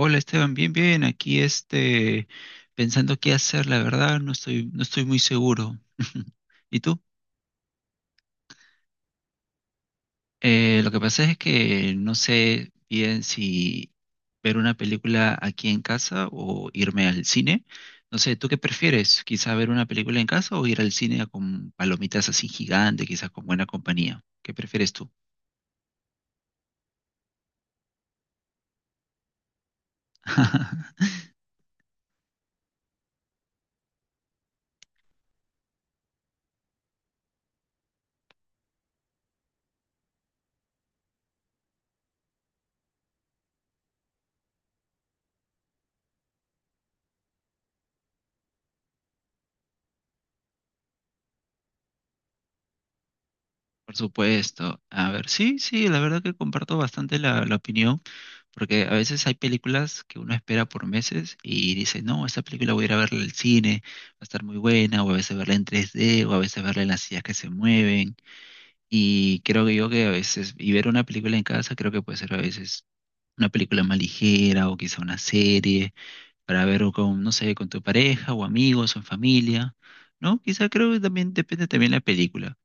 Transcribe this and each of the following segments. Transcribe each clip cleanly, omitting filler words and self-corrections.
Hola Esteban, bien, bien, aquí pensando qué hacer, la verdad, no estoy muy seguro. ¿Y tú? Lo que pasa es que no sé bien si ver una película aquí en casa o irme al cine. No sé, ¿tú qué prefieres? ¿Quizá ver una película en casa o ir al cine con palomitas así gigantes, quizás con buena compañía? ¿Qué prefieres tú? Por supuesto. A ver, sí, sí, la verdad que comparto bastante la opinión. Porque a veces hay películas que uno espera por meses y dice, no, esta película voy a ir a verla al cine, va a estar muy buena, o a veces verla en 3D, o a veces verla en las sillas que se mueven. Y creo que yo que a veces, y ver una película en casa creo que puede ser a veces una película más ligera o quizá una serie para ver o con, no sé, con tu pareja o amigos o en familia, ¿no? Quizá creo que también depende también la película.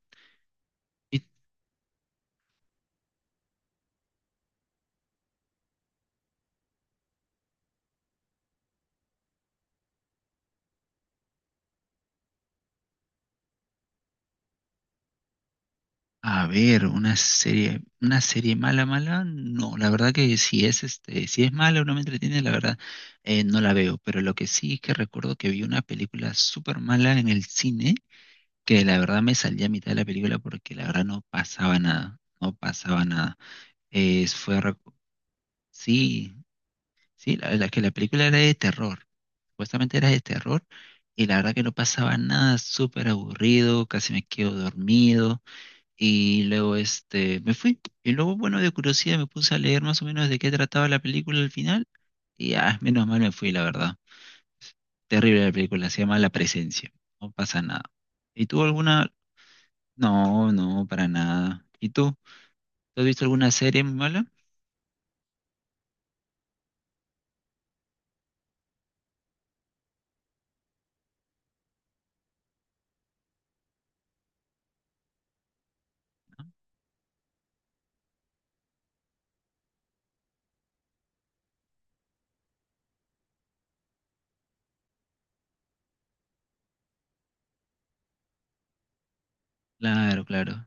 A ver, una serie mala, mala, no, la verdad que si es si es mala o no me entretiene, la verdad, no la veo. Pero lo que sí es que recuerdo que vi una película súper mala en el cine, que la verdad me salí a mitad de la película porque la verdad no pasaba nada, no pasaba nada. Eh, fue, recu- sí, sí, la que la película era de terror, supuestamente era de terror, y la verdad que no pasaba nada, súper aburrido, casi me quedo dormido. Y luego me fui. Y luego, bueno, de curiosidad me puse a leer más o menos de qué trataba la película al final. Y ah, menos mal me fui, la verdad. Terrible la película, se llama La Presencia. No pasa nada. ¿Y tú alguna? No, no, para nada. ¿Y tú? ¿Tú has visto alguna serie muy mala? Claro, claro.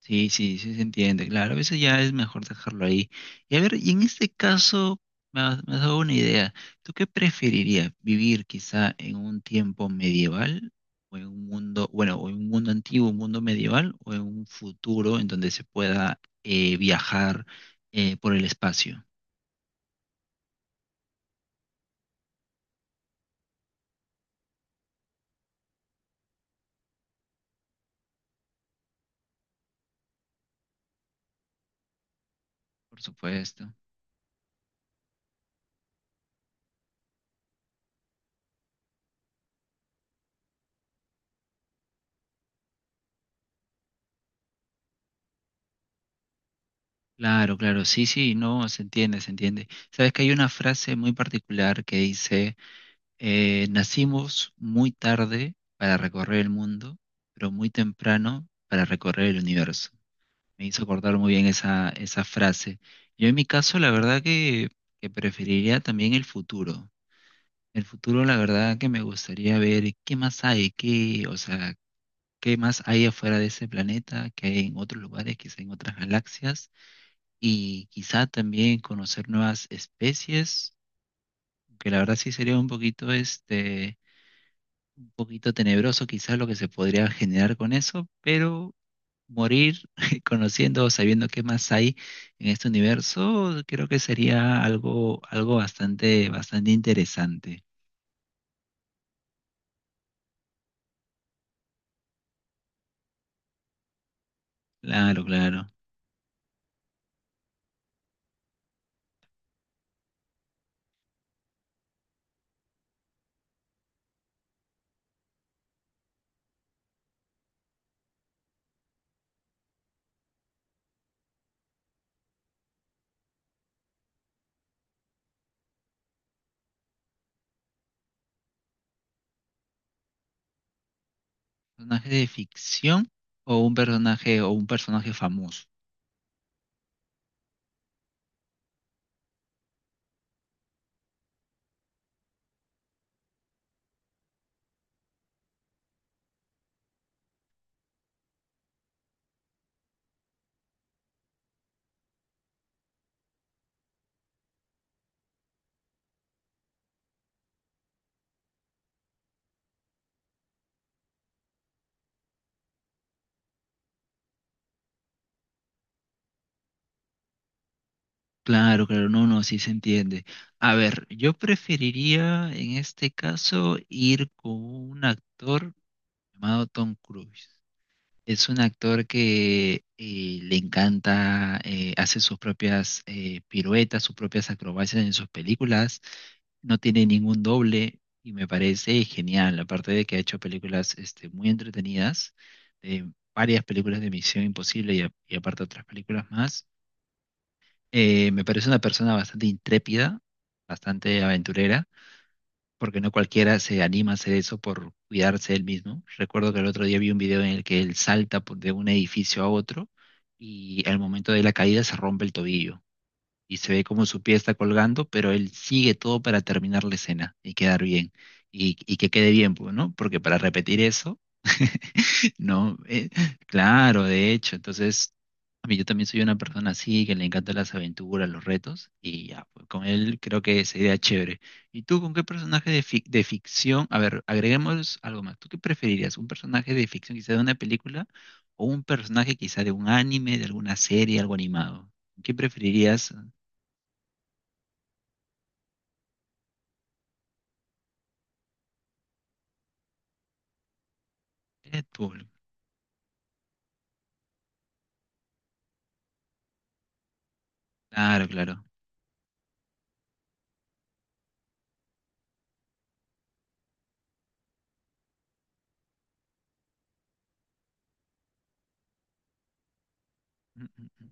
Sí, sí, sí se entiende. Claro, a veces ya es mejor dejarlo ahí. Y a ver, y en este caso me has dado una idea. ¿Tú qué preferirías? ¿Vivir quizá en un tiempo medieval o en un mundo, bueno, o en un mundo antiguo, un mundo medieval o en un futuro en donde se pueda viajar por el espacio? Por supuesto. Claro, claro, sí, sí, no, se entiende, se entiende. Sabes que hay una frase muy particular que dice nacimos muy tarde para recorrer el mundo, pero muy temprano para recorrer el universo. Me hizo acordar muy bien esa frase. Yo en mi caso, la verdad que preferiría también el futuro. El futuro, la verdad que me gustaría ver qué más hay, qué, o sea, qué más hay afuera de ese planeta, qué hay en otros lugares, quizá en otras galaxias, y quizá también conocer nuevas especies, que la verdad sí sería un poquito un poquito tenebroso quizás lo que se podría generar con eso, pero morir conociendo o sabiendo qué más hay en este universo, creo que sería algo, algo bastante, bastante interesante. Claro, claro. ¿Personaje de ficción o un personaje famoso? Claro, claro, no, no, sí se entiende. A ver, yo preferiría en este caso ir con un actor llamado Tom Cruise. Es un actor que le encanta, hace sus propias piruetas, sus propias acrobacias en sus películas, no tiene ningún doble y me parece genial, aparte de que ha hecho películas muy entretenidas, eh, varias películas de Misión Imposible y aparte otras películas más. Me parece una persona bastante intrépida, bastante aventurera porque no cualquiera se anima a hacer eso por cuidarse él mismo. Recuerdo que el otro día vi un video en el que él de un edificio a otro y al momento de la caída se rompe el tobillo y se ve como su pie está colgando, pero él sigue todo para terminar la escena y quedar bien y que quede bien, pues, ¿no? Porque para repetir eso no, claro, de hecho, entonces, a mí yo también soy una persona así, que le encantan las aventuras, los retos, y ya, pues, con él creo que sería chévere. ¿Y tú con qué de ficción? A ver, agreguemos algo más. ¿Tú qué preferirías? ¿Un personaje de ficción quizá de una película o un personaje quizá de un anime, de alguna serie, algo animado? ¿Qué preferirías? Deadpool claro, claro. Mm, mm.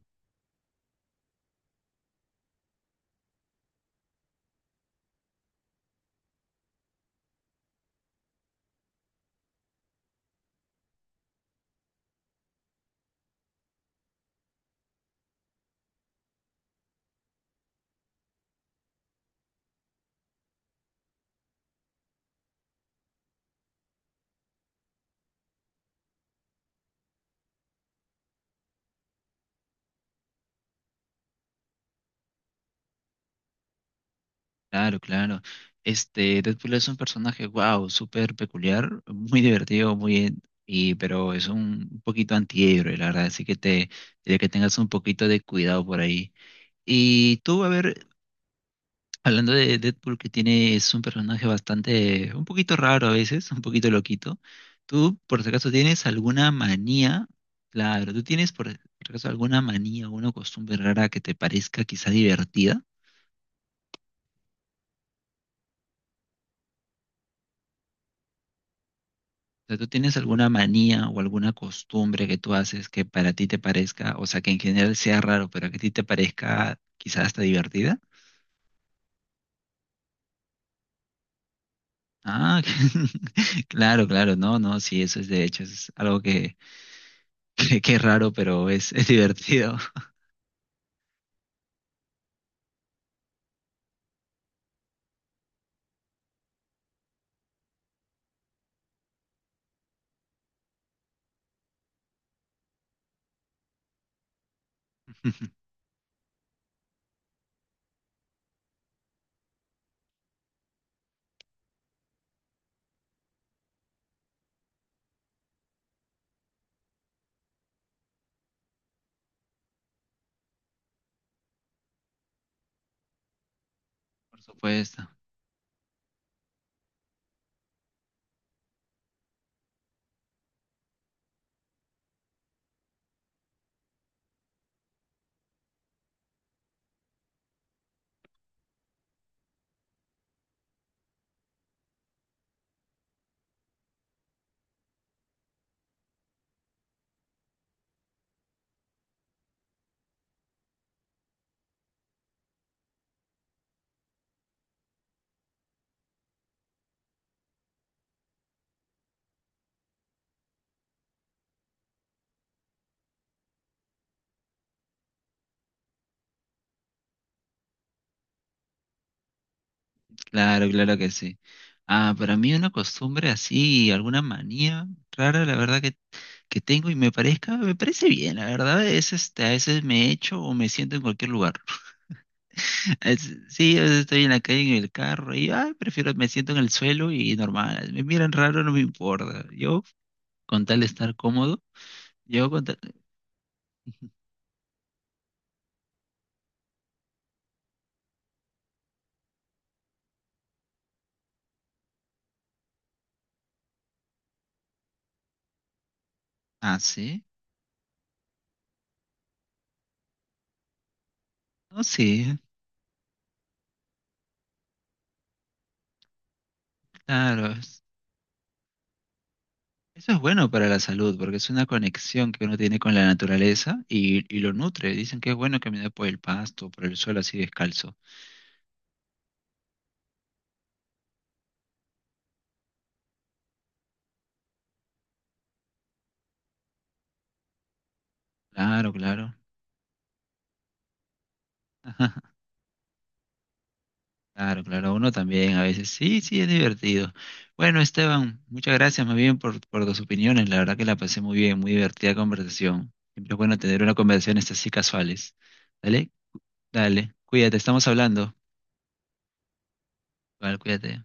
Claro, claro. Deadpool es un personaje, wow, súper peculiar, muy divertido, muy, pero es un poquito antihéroe, la verdad, así que te diría que tengas un poquito de cuidado por ahí. Y tú, a ver, hablando de Deadpool, que tiene, es un personaje bastante, un poquito raro a veces, un poquito loquito. ¿Tú, por si acaso, tienes alguna manía? Claro, ¿tú tienes, por si acaso, alguna manía o una costumbre rara que te parezca quizá divertida? Sea, ¿tú tienes alguna manía o alguna costumbre que tú haces que para ti te parezca, o sea, que en general sea raro, pero que a ti te parezca quizás hasta divertida? Ah, claro, claro, no, no, sí, eso es de hecho, es algo que es raro, pero es divertido. Por supuesto, claro, claro que sí. Ah, para mí una costumbre así, alguna manía rara, la verdad que tengo y me parezca, me parece bien, la verdad, es a veces me echo o me siento en cualquier lugar. Sí, a veces estoy en la calle en el carro y ay, prefiero, me siento en el suelo y normal. Me miran raro, no me importa. Yo, con tal de estar cómodo, yo con tal... Ah, sí. No, sí, claro. Eso es bueno para la salud porque es una conexión que uno tiene con la naturaleza y lo nutre. Dicen que es bueno caminar por el pasto, por el suelo así descalzo. Claro, claro. Claro, claro, uno también a veces. Sí, sí, es divertido. Bueno, Esteban, muchas gracias más bien por tus opiniones. La verdad que la pasé muy bien, muy divertida conversación. Siempre es bueno tener una conversación estas así casuales. Dale, dale, cuídate, estamos hablando. Vale, cuídate.